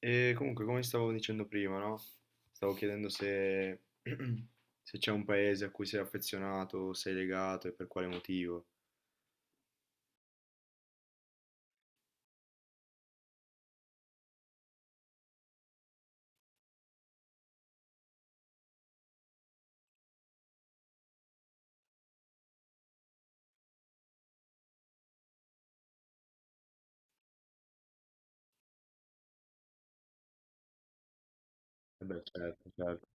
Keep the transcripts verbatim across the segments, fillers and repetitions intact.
E comunque, come stavo dicendo prima, no? Stavo chiedendo se, se c'è un paese a cui sei affezionato, sei legato e per quale motivo. E beh, certo, certo.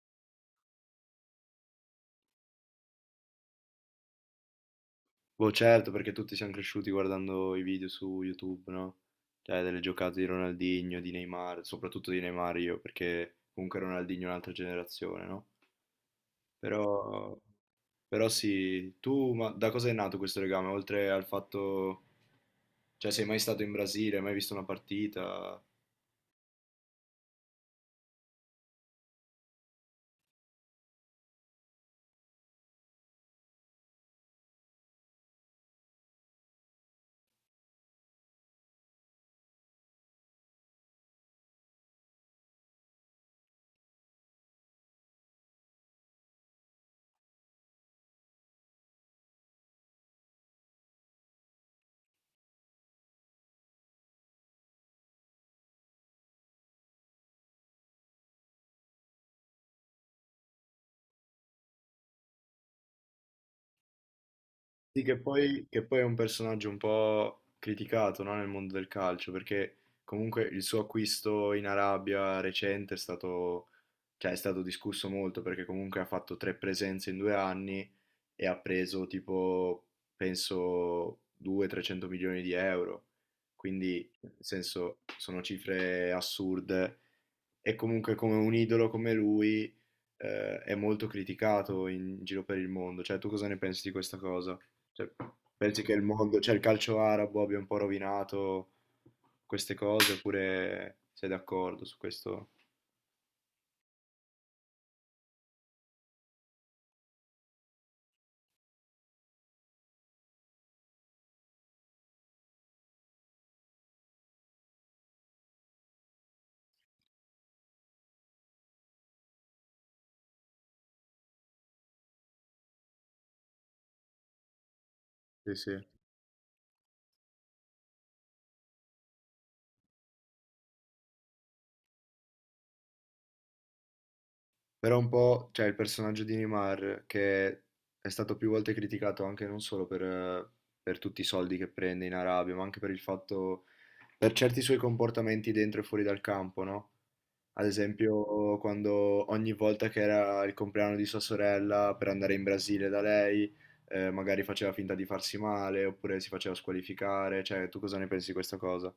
Boh, certo, perché tutti siamo cresciuti guardando i video su YouTube, no? Cioè, delle giocate di Ronaldinho, di Neymar, soprattutto di Neymar io, perché comunque Ronaldinho è un'altra generazione, no? Però, però sì, tu ma da cosa è nato questo legame? Oltre al fatto, cioè, sei mai stato in Brasile, hai mai visto una partita? Sì, che poi, che poi è un personaggio un po' criticato, no, nel mondo del calcio, perché comunque il suo acquisto in Arabia recente è stato, cioè, è stato discusso molto, perché comunque ha fatto tre presenze in due anni e ha preso tipo, penso, duecento trecento milioni di euro. Quindi, nel senso, sono cifre assurde. E comunque come un idolo come lui eh, è molto criticato in giro per il mondo. Cioè, tu cosa ne pensi di questa cosa? Cioè, pensi che il mondo, cioè il calcio arabo abbia un po' rovinato queste cose oppure sei d'accordo su questo? Sì, sì. Però un po', cioè il personaggio di Neymar, che è stato più volte criticato anche non solo per, eh, per tutti i soldi che prende in Arabia, ma anche per il fatto, per certi suoi comportamenti dentro e fuori dal campo, no? Ad esempio, quando ogni volta che era il compleanno di sua sorella per andare in Brasile da lei, eh, magari faceva finta di farsi male, oppure si faceva squalificare, cioè tu cosa ne pensi di questa cosa?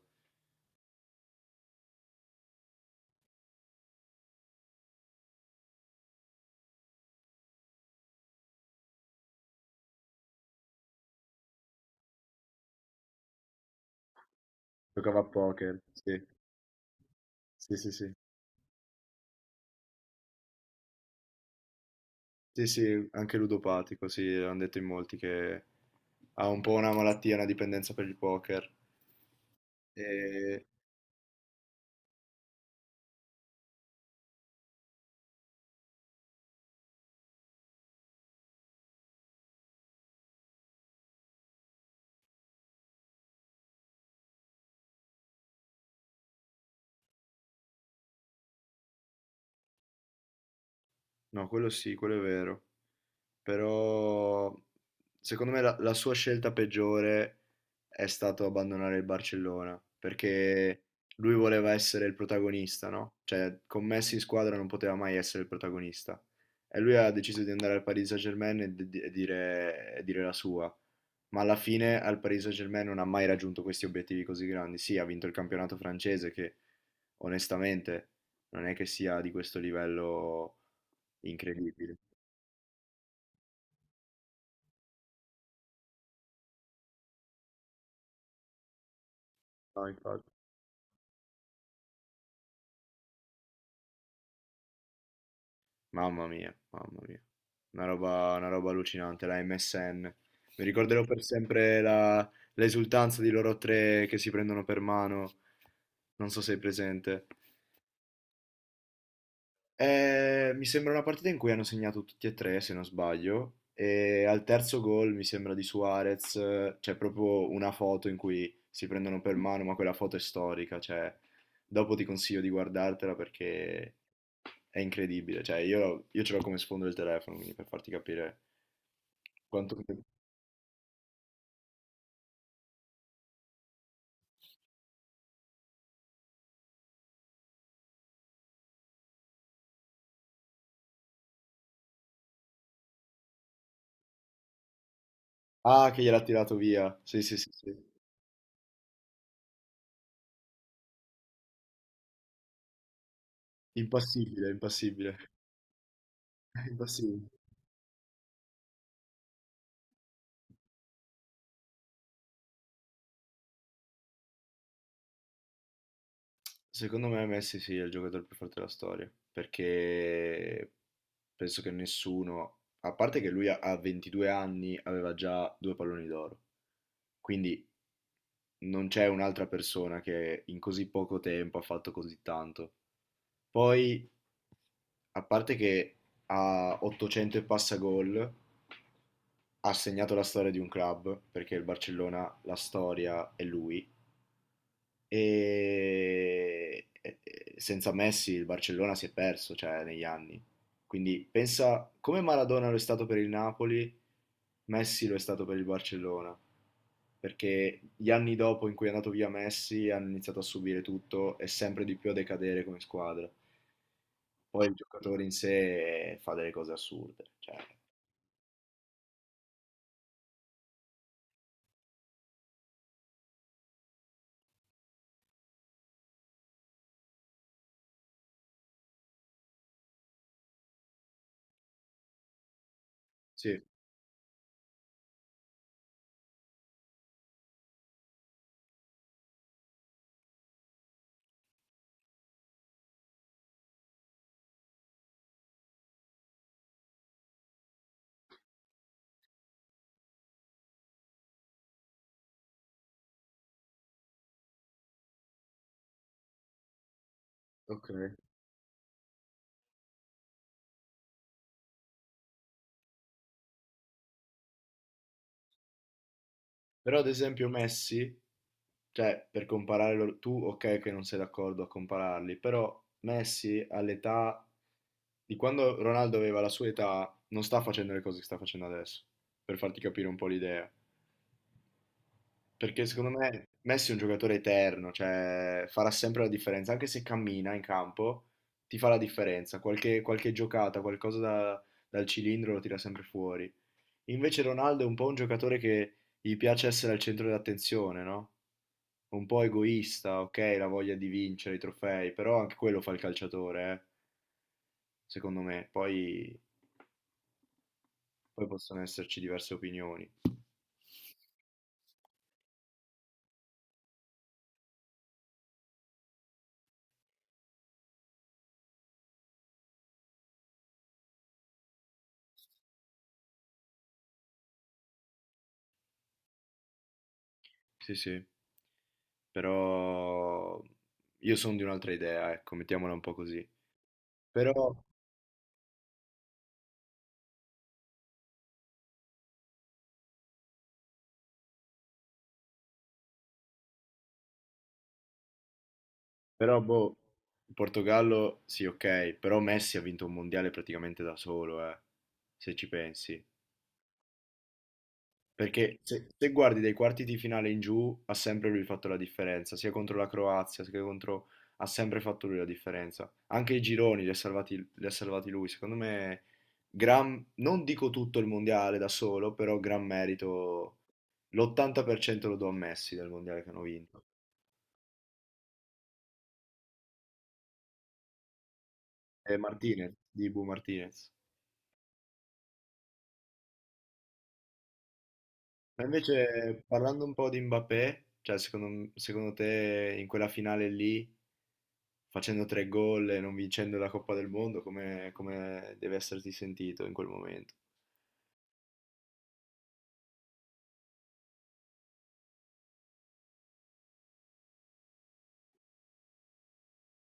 Giocava a poker, sì, sì, sì, sì. Sì, sì, anche ludopatico, sì, hanno detto in molti che ha un po' una malattia, una dipendenza per il poker. E- No, quello sì, quello è vero. Però secondo me la, la sua scelta peggiore è stato abbandonare il Barcellona, perché lui voleva essere il protagonista, no? Cioè, con Messi in squadra non poteva mai essere il protagonista. E lui ha deciso di andare al Paris Saint-Germain e, di- e dire, e dire la sua. Ma alla fine al Paris Saint-Germain non ha mai raggiunto questi obiettivi così grandi. Sì, ha vinto il campionato francese, che onestamente non è che sia di questo livello incredibile. No, infatti. Mamma mia, mamma mia. Una roba, una roba allucinante, la M S N. Mi ricorderò per sempre la- L'esultanza di loro tre che si prendono per mano. Non so se sei presente. Eh, mi sembra una partita in cui hanno segnato tutti e tre, se non sbaglio, e al terzo gol mi sembra di Suarez, eh, c'è proprio una foto in cui si prendono per mano, ma quella foto è storica, cioè dopo ti consiglio di guardartela perché è incredibile, cioè io, io ce l'ho come sfondo del telefono, quindi per farti capire quanto... Ah, che gliel'ha tirato via, sì sì sì, sì. Impassibile, impassibile, impassibile. Secondo me Messi sì, è il giocatore più forte della storia, perché penso che nessuno, a parte che lui a a ventidue anni aveva già due palloni d'oro, quindi non c'è un'altra persona che in così poco tempo ha fatto così tanto. Ppoi, a parte che a ottocento e passa gol, ha segnato la storia di un club, perché il Barcellona, la storia è lui, E e- e senza Messi il Barcellona si è perso, cioè, negli anni. Quindi pensa come Maradona lo è stato per il Napoli, Messi lo è stato per il Barcellona. Perché gli anni dopo in cui è andato via Messi hanno iniziato a subire tutto e sempre di più a decadere come squadra. Poi il giocatore in sé fa delle cose assurde. Cioè, sì, ok. Però ad esempio Messi, cioè per comparare loro- tu ok che non sei d'accordo a compararli, però Messi all'età di quando Ronaldo aveva la sua età non sta facendo le cose che sta facendo adesso, per farti capire un po' l'idea. Perché secondo me Messi è un giocatore eterno, cioè farà sempre la differenza, anche se cammina in campo, ti fa la differenza, qualche, qualche giocata, qualcosa da- dal cilindro lo tira sempre fuori. Invece Ronaldo è un po' un giocatore che gli piace essere al centro dell'attenzione, no? Un po' egoista, ok, la voglia di vincere i trofei, però anche quello fa il calciatore, eh, secondo me. Poi, poi possono esserci diverse opinioni. Sì, sì, però io sono di un'altra idea, ecco, mettiamola un po' così. Però, però, boh, il Portogallo, sì, ok, però Messi ha vinto un mondiale praticamente da solo, eh, se ci pensi. Perché se, se guardi dai quarti di finale in giù, ha sempre lui fatto la differenza, sia contro la Croazia, sia contro... ha sempre fatto lui la differenza. Anche i gironi li ha salvati, li ha salvati lui. Secondo me, gran, non dico tutto il mondiale da solo, però gran merito, l'ottanta per cento lo do a Messi del mondiale che hanno vinto. E Martinez, di Bu Martinez. Ma invece, parlando un po' di Mbappé, cioè secondo, secondo te in quella finale lì... facendo tre gol e non vincendo la Coppa del Mondo, come, come deve esserti sentito in quel momento.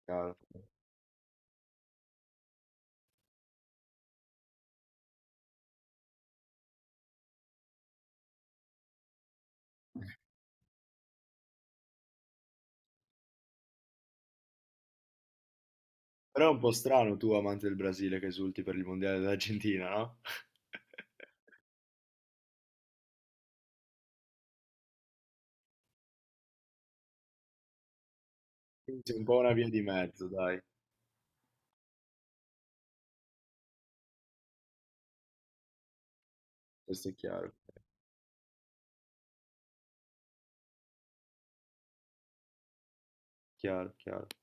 Chiaro. Però è un po' strano tu, amante del Brasile, che esulti per il Mondiale dell'Argentina, no? Quindi c'è un po' una via di mezzo, dai, questo è chiaro, chiaro, chiaro.